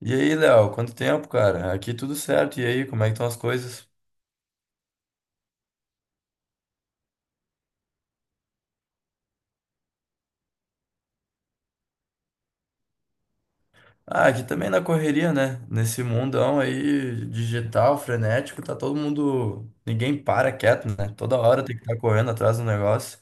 E aí, Léo, quanto tempo, cara? Aqui tudo certo. E aí, como é que estão as coisas? Ah, aqui também na correria, né? Nesse mundão aí digital, frenético, tá todo mundo. Ninguém para quieto, né? Toda hora tem que estar correndo atrás do negócio.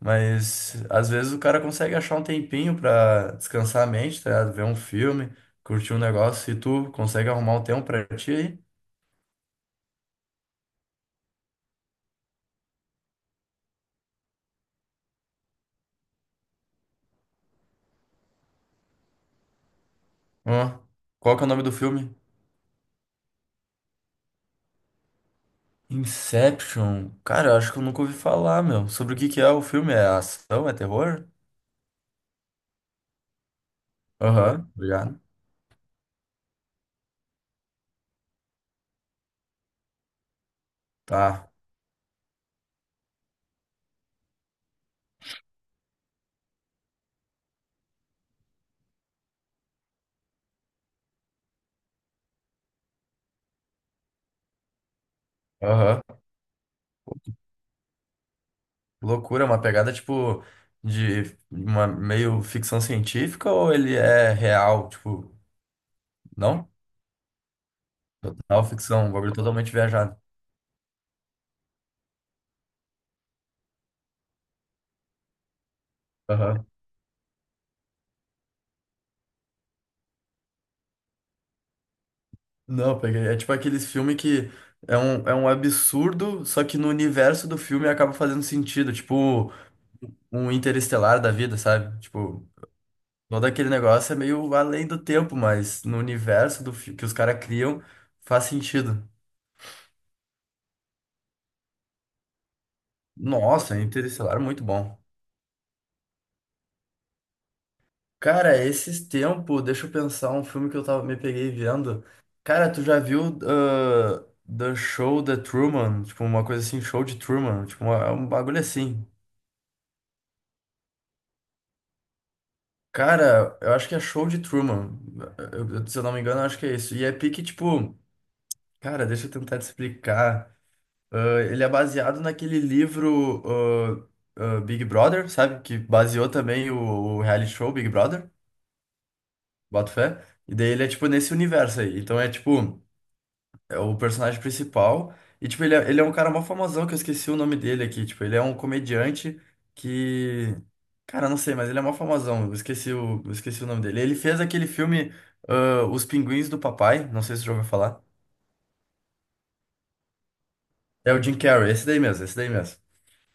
Mas às vezes o cara consegue achar um tempinho pra descansar a mente, tá ligado? Ver um filme, curtir um negócio. E tu consegue arrumar um tempo pra ti aí? Ó, qual que é o nome do filme? Inception? Cara, eu acho que eu nunca ouvi falar, meu. Sobre o que que é o filme? É ação? É terror? Aham, obrigado. Tá. Aham. Loucura, é uma pegada tipo de uma meio ficção científica ou ele é real? Tipo, não? Total ficção, um bagulho totalmente viajado. Aham. Não, eu peguei. É tipo aqueles filmes que é um absurdo, só que no universo do filme acaba fazendo sentido. Tipo, um interestelar da vida, sabe? Tipo, todo aquele negócio é meio além do tempo, mas no universo do fi- que os caras criam faz sentido. Nossa, interestelar é muito bom. Cara, esses tempos, deixa eu pensar, um filme que eu tava, me peguei vendo. Cara, tu já viu The Show The Truman? Tipo, uma coisa assim, Show de Truman. Tipo, é um bagulho assim. Cara, eu acho que é Show de Truman. Se eu não me engano, eu acho que é isso. E é pique, tipo... Cara, deixa eu tentar te explicar. Ah, ele é baseado naquele livro Big Brother, sabe? Que baseou também o reality show Big Brother, boto fé. E daí ele é, tipo, nesse universo aí. Então é, tipo... é o personagem principal. E, tipo, ele é um cara mó famosão, que eu esqueci o nome dele aqui. Tipo, ele é um comediante que. Cara, eu não sei, mas ele é mó famosão. Eu esqueci eu esqueci o nome dele. Ele fez aquele filme Os Pinguins do Papai. Não sei se você já ouviu falar. É o Jim Carrey, esse daí mesmo, esse daí mesmo.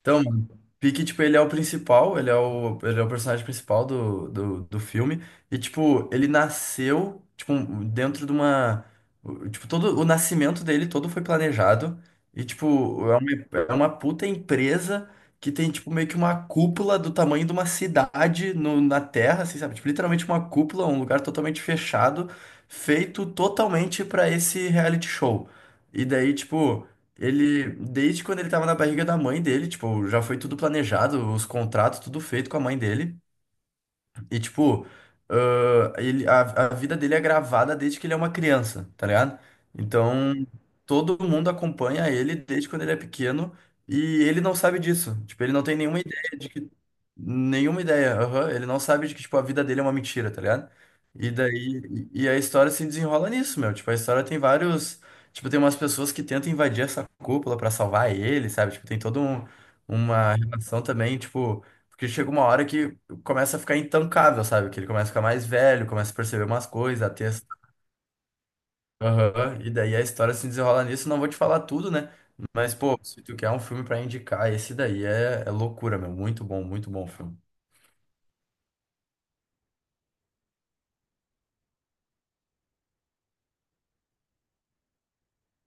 Então, mano, pique, tipo, ele é o principal, ele é o personagem principal do filme. E, tipo, ele nasceu, tipo, um- dentro de uma. O- Tipo, todo o nascimento dele todo foi planejado. E, tipo, é uma puta empresa que tem, tipo, meio que uma cúpula do tamanho de uma cidade no, na Terra, assim, sabe? Tipo, literalmente uma cúpula, um lugar totalmente fechado, feito totalmente pra esse reality show. E daí, tipo. Ele, desde quando ele tava na barriga da mãe dele, tipo, já foi tudo planejado, os contratos, tudo feito com a mãe dele. E, tipo, ele, a vida dele é gravada desde que ele é uma criança, tá ligado? Então, todo mundo acompanha ele desde quando ele é pequeno e ele não sabe disso. Tipo, ele não tem nenhuma ideia de que. Nenhuma ideia, aham. Ele não sabe de que, tipo, a vida dele é uma mentira, tá ligado? E daí. E a história se desenrola nisso, meu. Tipo, a história tem vários. Tipo, tem umas pessoas que tentam invadir essa cúpula pra salvar ele, sabe? Tipo, tem todo um, uma relação também, tipo. Porque chega uma hora que começa a ficar intancável, sabe? Que ele começa a ficar mais velho, começa a perceber umas coisas, a ter... essa- Aham, e daí a história se desenrola nisso. Não vou te falar tudo, né? Mas, pô, se tu quer um filme pra indicar, esse daí é, é loucura, meu. Muito bom o filme.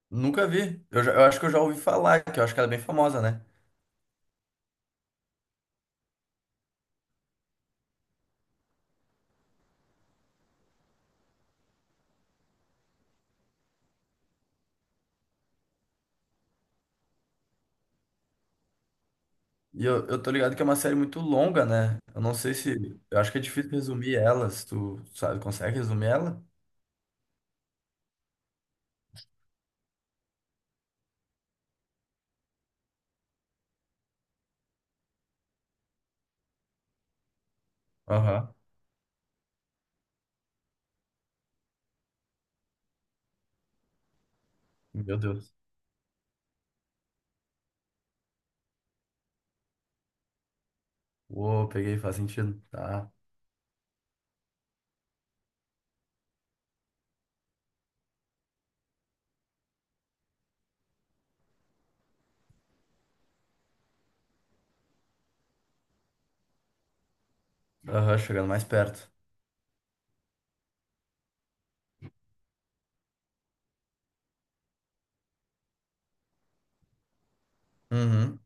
Nunca vi. Eu, já- eu acho que eu já ouvi falar, que eu acho que ela é bem famosa, né? E eu tô ligado que é uma série muito longa, né? Eu não sei se... Eu acho que é difícil resumir ela, se tu, sabe, consegue resumir ela? Aham. Meu Deus. Uou, peguei, faz sentido. Tá. Aham, chegando mais perto. Uhum.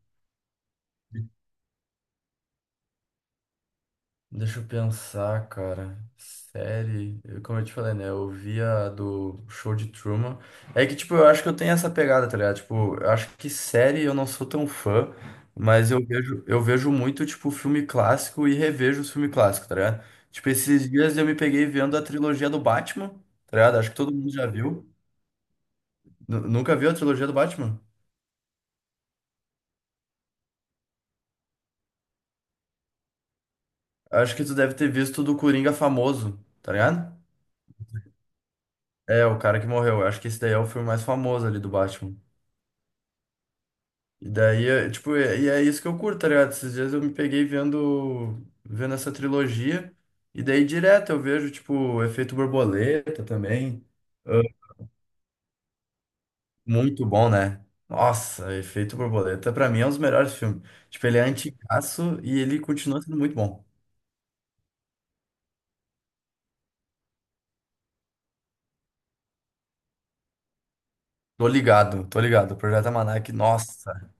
Deixa eu pensar, cara. Série, eu- como eu te falei, né? Eu via do Show de Truman. É que, tipo, eu acho que eu tenho essa pegada, tá ligado? Tipo, eu acho que série eu não sou tão fã, mas eu vejo muito, tipo, filme clássico e revejo os filmes clássicos, tá ligado? Tipo, esses dias eu me peguei vendo a trilogia do Batman, tá ligado? Acho que todo mundo já viu. Nu- nunca viu a trilogia do Batman? Acho que tu deve ter visto do Coringa famoso, tá ligado? É, o cara que morreu. Eu acho que esse daí é o filme mais famoso ali do Batman. E daí, é, tipo, e é isso que eu curto, tá ligado? Esses dias eu me peguei vendo, vendo essa trilogia, e daí direto eu vejo, tipo, o Efeito Borboleta também. Ah, muito bom, né? Nossa, Efeito Borboleta, pra mim, é um dos melhores filmes. Tipo, ele é antigaço e ele continua sendo muito bom. Tô ligado, tô ligado. O Projeto Almanac, nossa.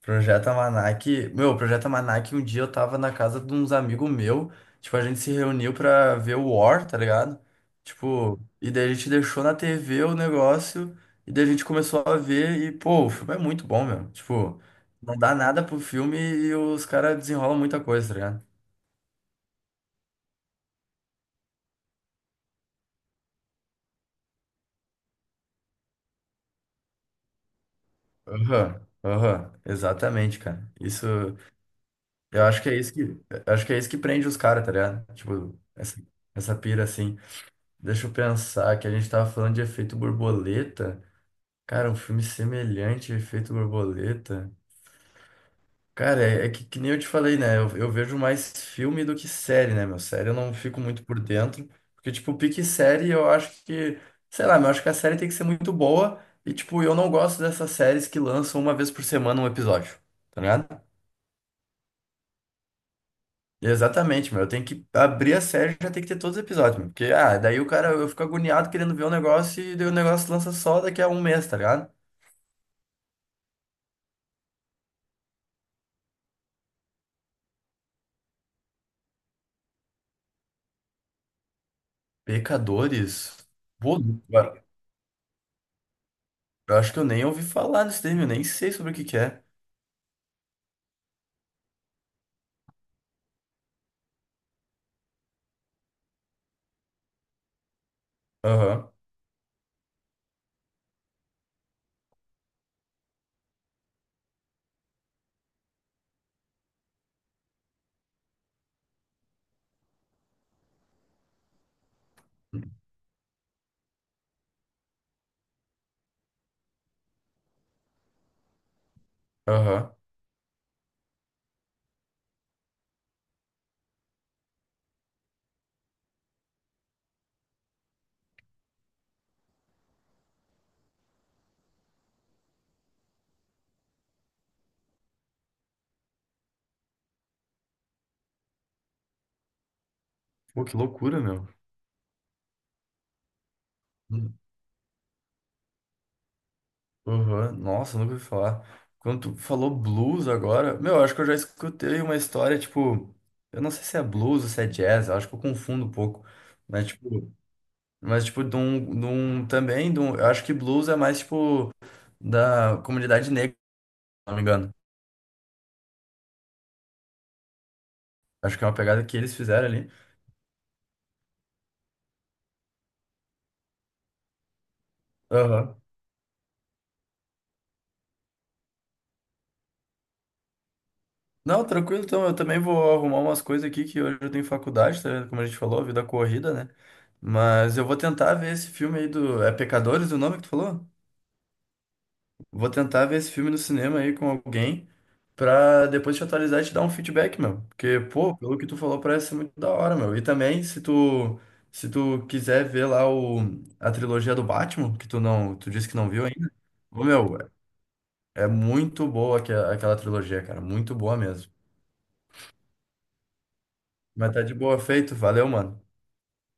Projeto Almanac. Meu, Projeto Almanac, um dia eu tava na casa de uns amigos meu, tipo, a gente se reuniu pra ver o War, tá ligado? Tipo, e daí a gente deixou na TV o negócio, e daí a gente começou a ver, e pô, o filme é muito bom, meu. Tipo, não dá nada pro filme e os caras desenrolam muita coisa, tá ligado? Aham, aham, exatamente, cara. Isso, eu acho que é isso que prende os caras, tá ligado? Tipo, essa pira assim. Deixa eu pensar que a gente tava falando de Efeito Borboleta. Cara, um filme semelhante a Efeito Borboleta. Cara, é, é que nem eu te falei, né? Eu vejo mais filme do que série, né, meu? Série eu não fico muito por dentro. Porque, tipo, pique série eu acho que. Sei lá, eu acho que a série tem que ser muito boa. E, tipo, eu não gosto dessas séries que lançam uma vez por semana um episódio. Tá ligado? Exatamente, meu. Eu tenho que abrir a série e já tem que ter todos os episódios, meu. Porque, ah, daí o cara, eu fico agoniado querendo ver o negócio e daí o negócio lança só daqui a um mês, tá ligado? Pecadores? Pô, eu eu acho que eu nem ouvi falar desse termo, eu nem sei sobre o que que é. Aham, aham. Pô, que loucura, meu. Hum, Aham, nossa, nunca ouvi falar. Quando tu falou blues agora, meu, eu acho que eu já escutei uma história, tipo, eu não sei se é blues ou se é jazz, eu acho que eu confundo um pouco. Mas, tipo, também, de um- eu acho que blues é mais, tipo, da comunidade negra, se não me engano. Acho que é uma pegada que eles fizeram ali. Aham. Não, tranquilo, então eu também vou arrumar umas coisas aqui que hoje eu tenho faculdade, tá? Como a gente falou, vida corrida, né? Mas eu vou tentar ver esse filme aí do. É Pecadores o nome que tu falou? Vou tentar ver esse filme no cinema aí com alguém pra depois te atualizar e te dar um feedback, meu. Porque, pô, pelo que tu falou, parece ser muito da hora, meu. E também, se tu quiser ver lá o, a trilogia do Batman, que tu não, tu disse que não viu ainda, ô, meu, é muito boa aquela trilogia, cara. Muito boa mesmo. Mas tá de boa feito, valeu, mano.